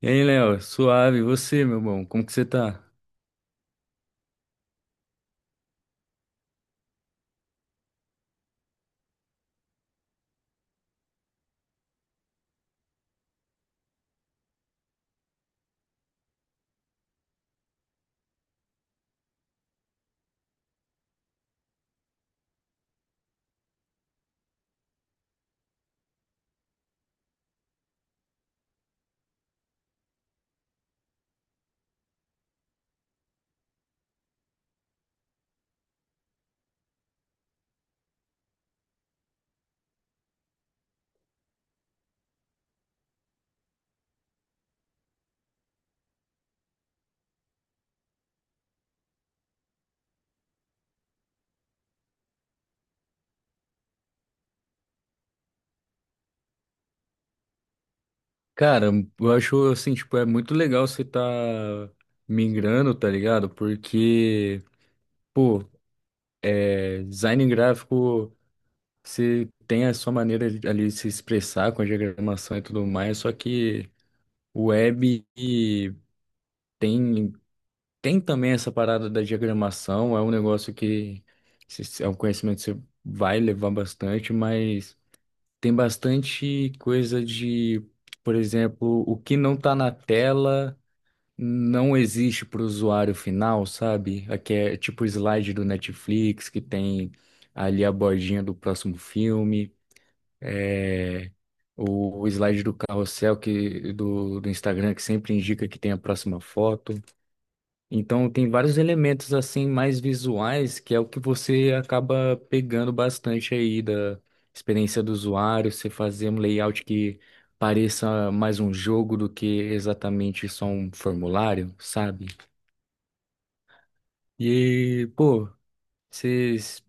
E aí, Léo, suave, e você, meu bom, como que você tá? Cara, eu acho assim, tipo, é muito legal você tá migrando, tá ligado? Porque, pô, é, design gráfico, você tem a sua maneira ali de se expressar com a diagramação e tudo mais, só que o web e tem, tem também essa parada da diagramação, é um negócio que é um conhecimento que você vai levar bastante, mas. Tem bastante coisa de, por exemplo, o que não tá na tela não existe para o usuário final, sabe? Aqui é tipo o slide do Netflix que tem ali a bordinha do próximo filme, é, o slide do carrossel que, do Instagram que sempre indica que tem a próxima foto. Então tem vários elementos assim mais visuais que é o que você acaba pegando bastante aí da experiência do usuário, você fazer um layout que pareça mais um jogo do que exatamente só um formulário, sabe? E, pô, vocês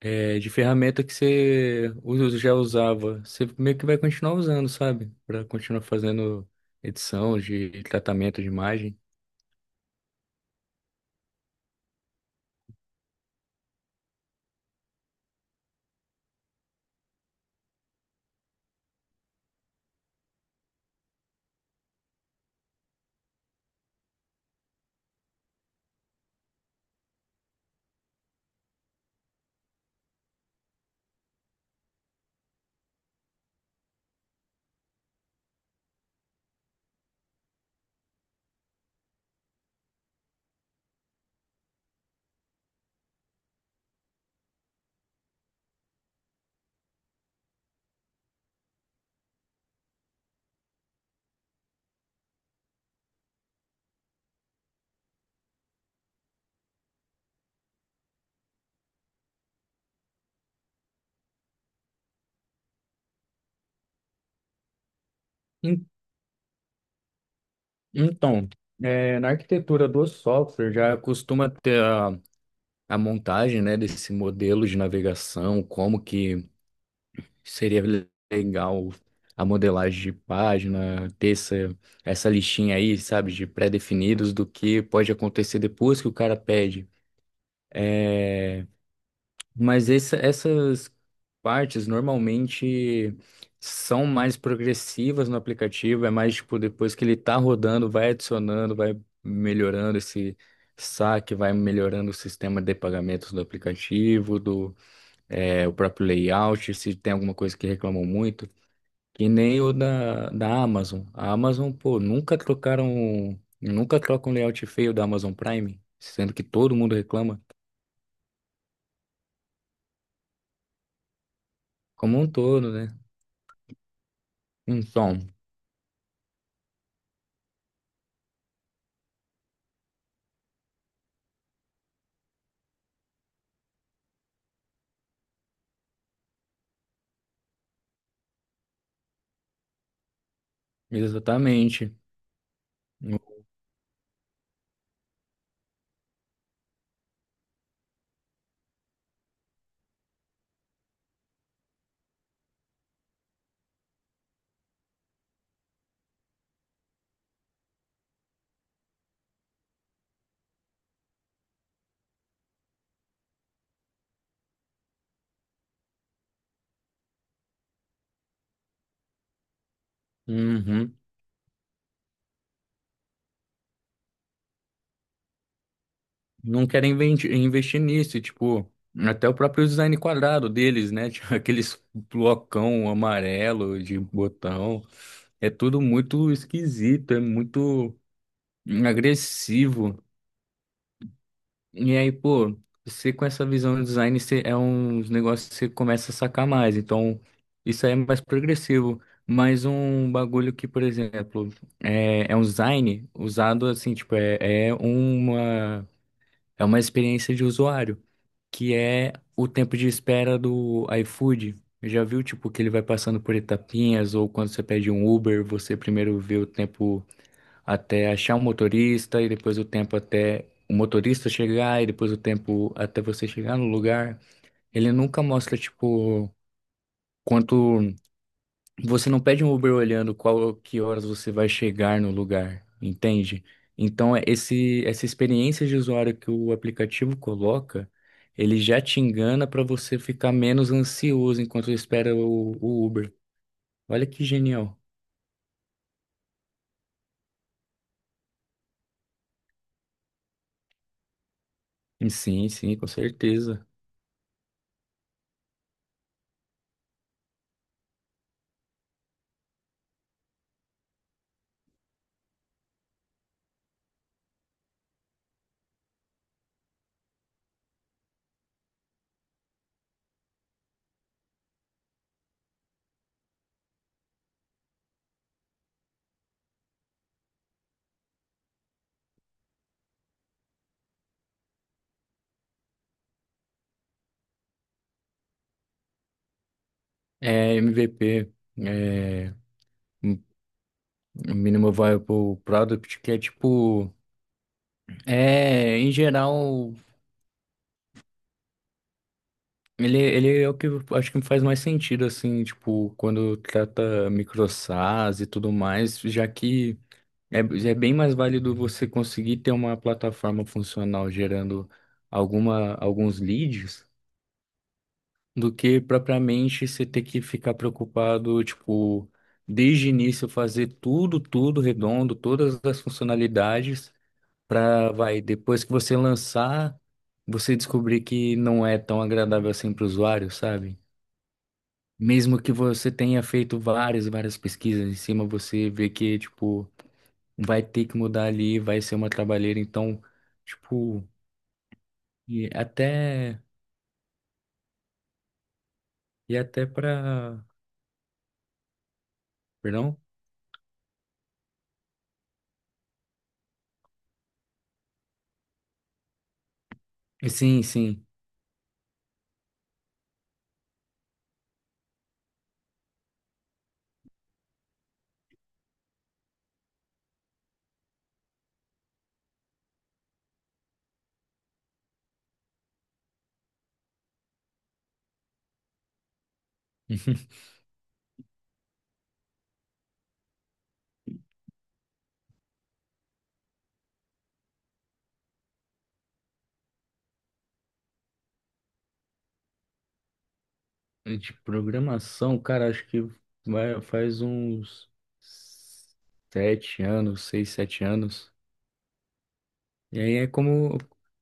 é, de ferramenta que você já usava, você meio que vai continuar usando, sabe? Para continuar fazendo edição de tratamento de imagem. Então, na arquitetura do software já costuma ter a montagem, né, desse modelo de navegação, como que seria legal a modelagem de página, ter essa, essa listinha aí, sabe, de pré-definidos do que pode acontecer depois que o cara pede. Mas essas partes normalmente são mais progressivas no aplicativo, é mais tipo depois que ele tá rodando, vai adicionando, vai melhorando esse saque, vai melhorando o sistema de pagamentos do aplicativo, do é, o próprio layout, se tem alguma coisa que reclamam muito, que nem da Amazon. A Amazon, pô, nunca trocaram, nunca trocam um layout feio da Amazon Prime, sendo que todo mundo reclama, como um todo, né? Então. Exatamente. Uhum. Não querem investir nisso, e, tipo, até o próprio design quadrado deles, né? Tipo, aqueles blocão amarelo de botão. É tudo muito esquisito, é muito agressivo. E aí, pô, você com essa visão de design, você, é uns negócios que você começa a sacar mais. Então, isso aí é mais progressivo. Mas um bagulho que, por exemplo, é, é um design usado assim, tipo, É uma experiência de usuário, que é o tempo de espera do iFood. Já viu, tipo, que ele vai passando por etapinhas, ou quando você pede um Uber, você primeiro vê o tempo até achar um motorista, e depois o tempo até o motorista chegar, e depois o tempo até você chegar no lugar. Ele nunca mostra, tipo, quanto você não pede um Uber olhando qual que horas você vai chegar no lugar, entende? Então, é esse, essa experiência de usuário que o aplicativo coloca, ele já te engana para você ficar menos ansioso enquanto espera o Uber. Olha que genial. Sim, sim, com certeza. É MVP, é Minimum Viable Product, que é tipo, é em geral ele, ele é o que eu acho que faz mais sentido, assim, tipo, quando trata microsas e tudo mais, já que é, é bem mais válido você conseguir ter uma plataforma funcional gerando alguma, alguns leads do que propriamente você ter que ficar preocupado, tipo, desde o início fazer tudo, tudo redondo, todas as funcionalidades, para, vai, depois que você lançar, você descobrir que não é tão agradável assim para o usuário, sabe? Mesmo que você tenha feito várias, várias pesquisas em cima, você vê que, tipo, vai ter que mudar ali, vai ser uma trabalheira, então, tipo, e até, e até pra, perdão? Sim, sim. De programação, cara, acho que vai, faz uns 7 anos, 6, 7 anos. E aí é como,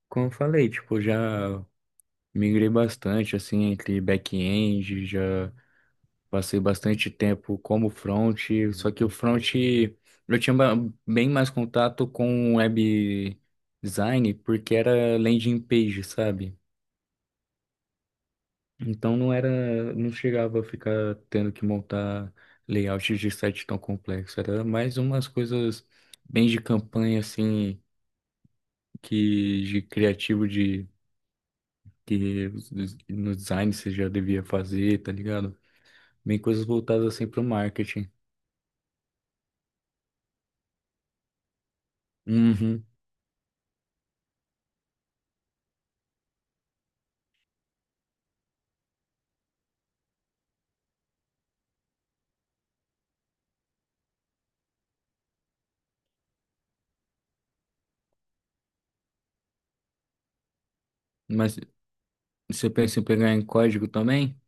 como eu falei, tipo, já migrei bastante, assim, entre back-end, já passei bastante tempo como front, só que o front eu tinha bem mais contato com web design porque era landing page, sabe? Então não era, não chegava a ficar tendo que montar layouts de site tão complexo, era mais umas coisas bem de campanha assim que de criativo de que no design você já devia fazer, tá ligado? Bem coisas voltadas assim pro marketing. Uhum. Mas você pensa em pegar em código também?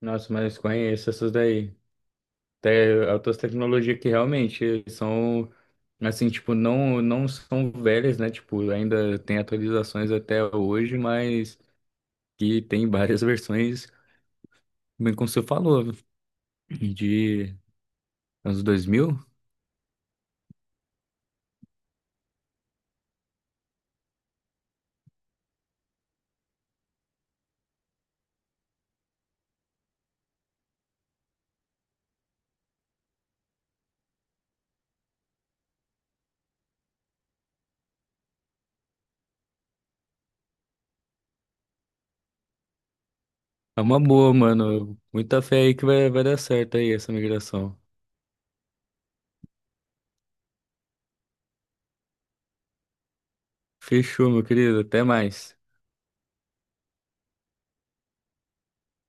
Nossa, mas conheço essas daí. Até outras tecnologias que realmente são, assim, tipo, não, não são velhas, né? Tipo, ainda tem atualizações até hoje, mas que tem várias versões, bem como você falou, de anos 2000. É uma boa, mano. Muita fé aí que vai, vai dar certo aí essa migração. Fechou, meu querido. Até mais.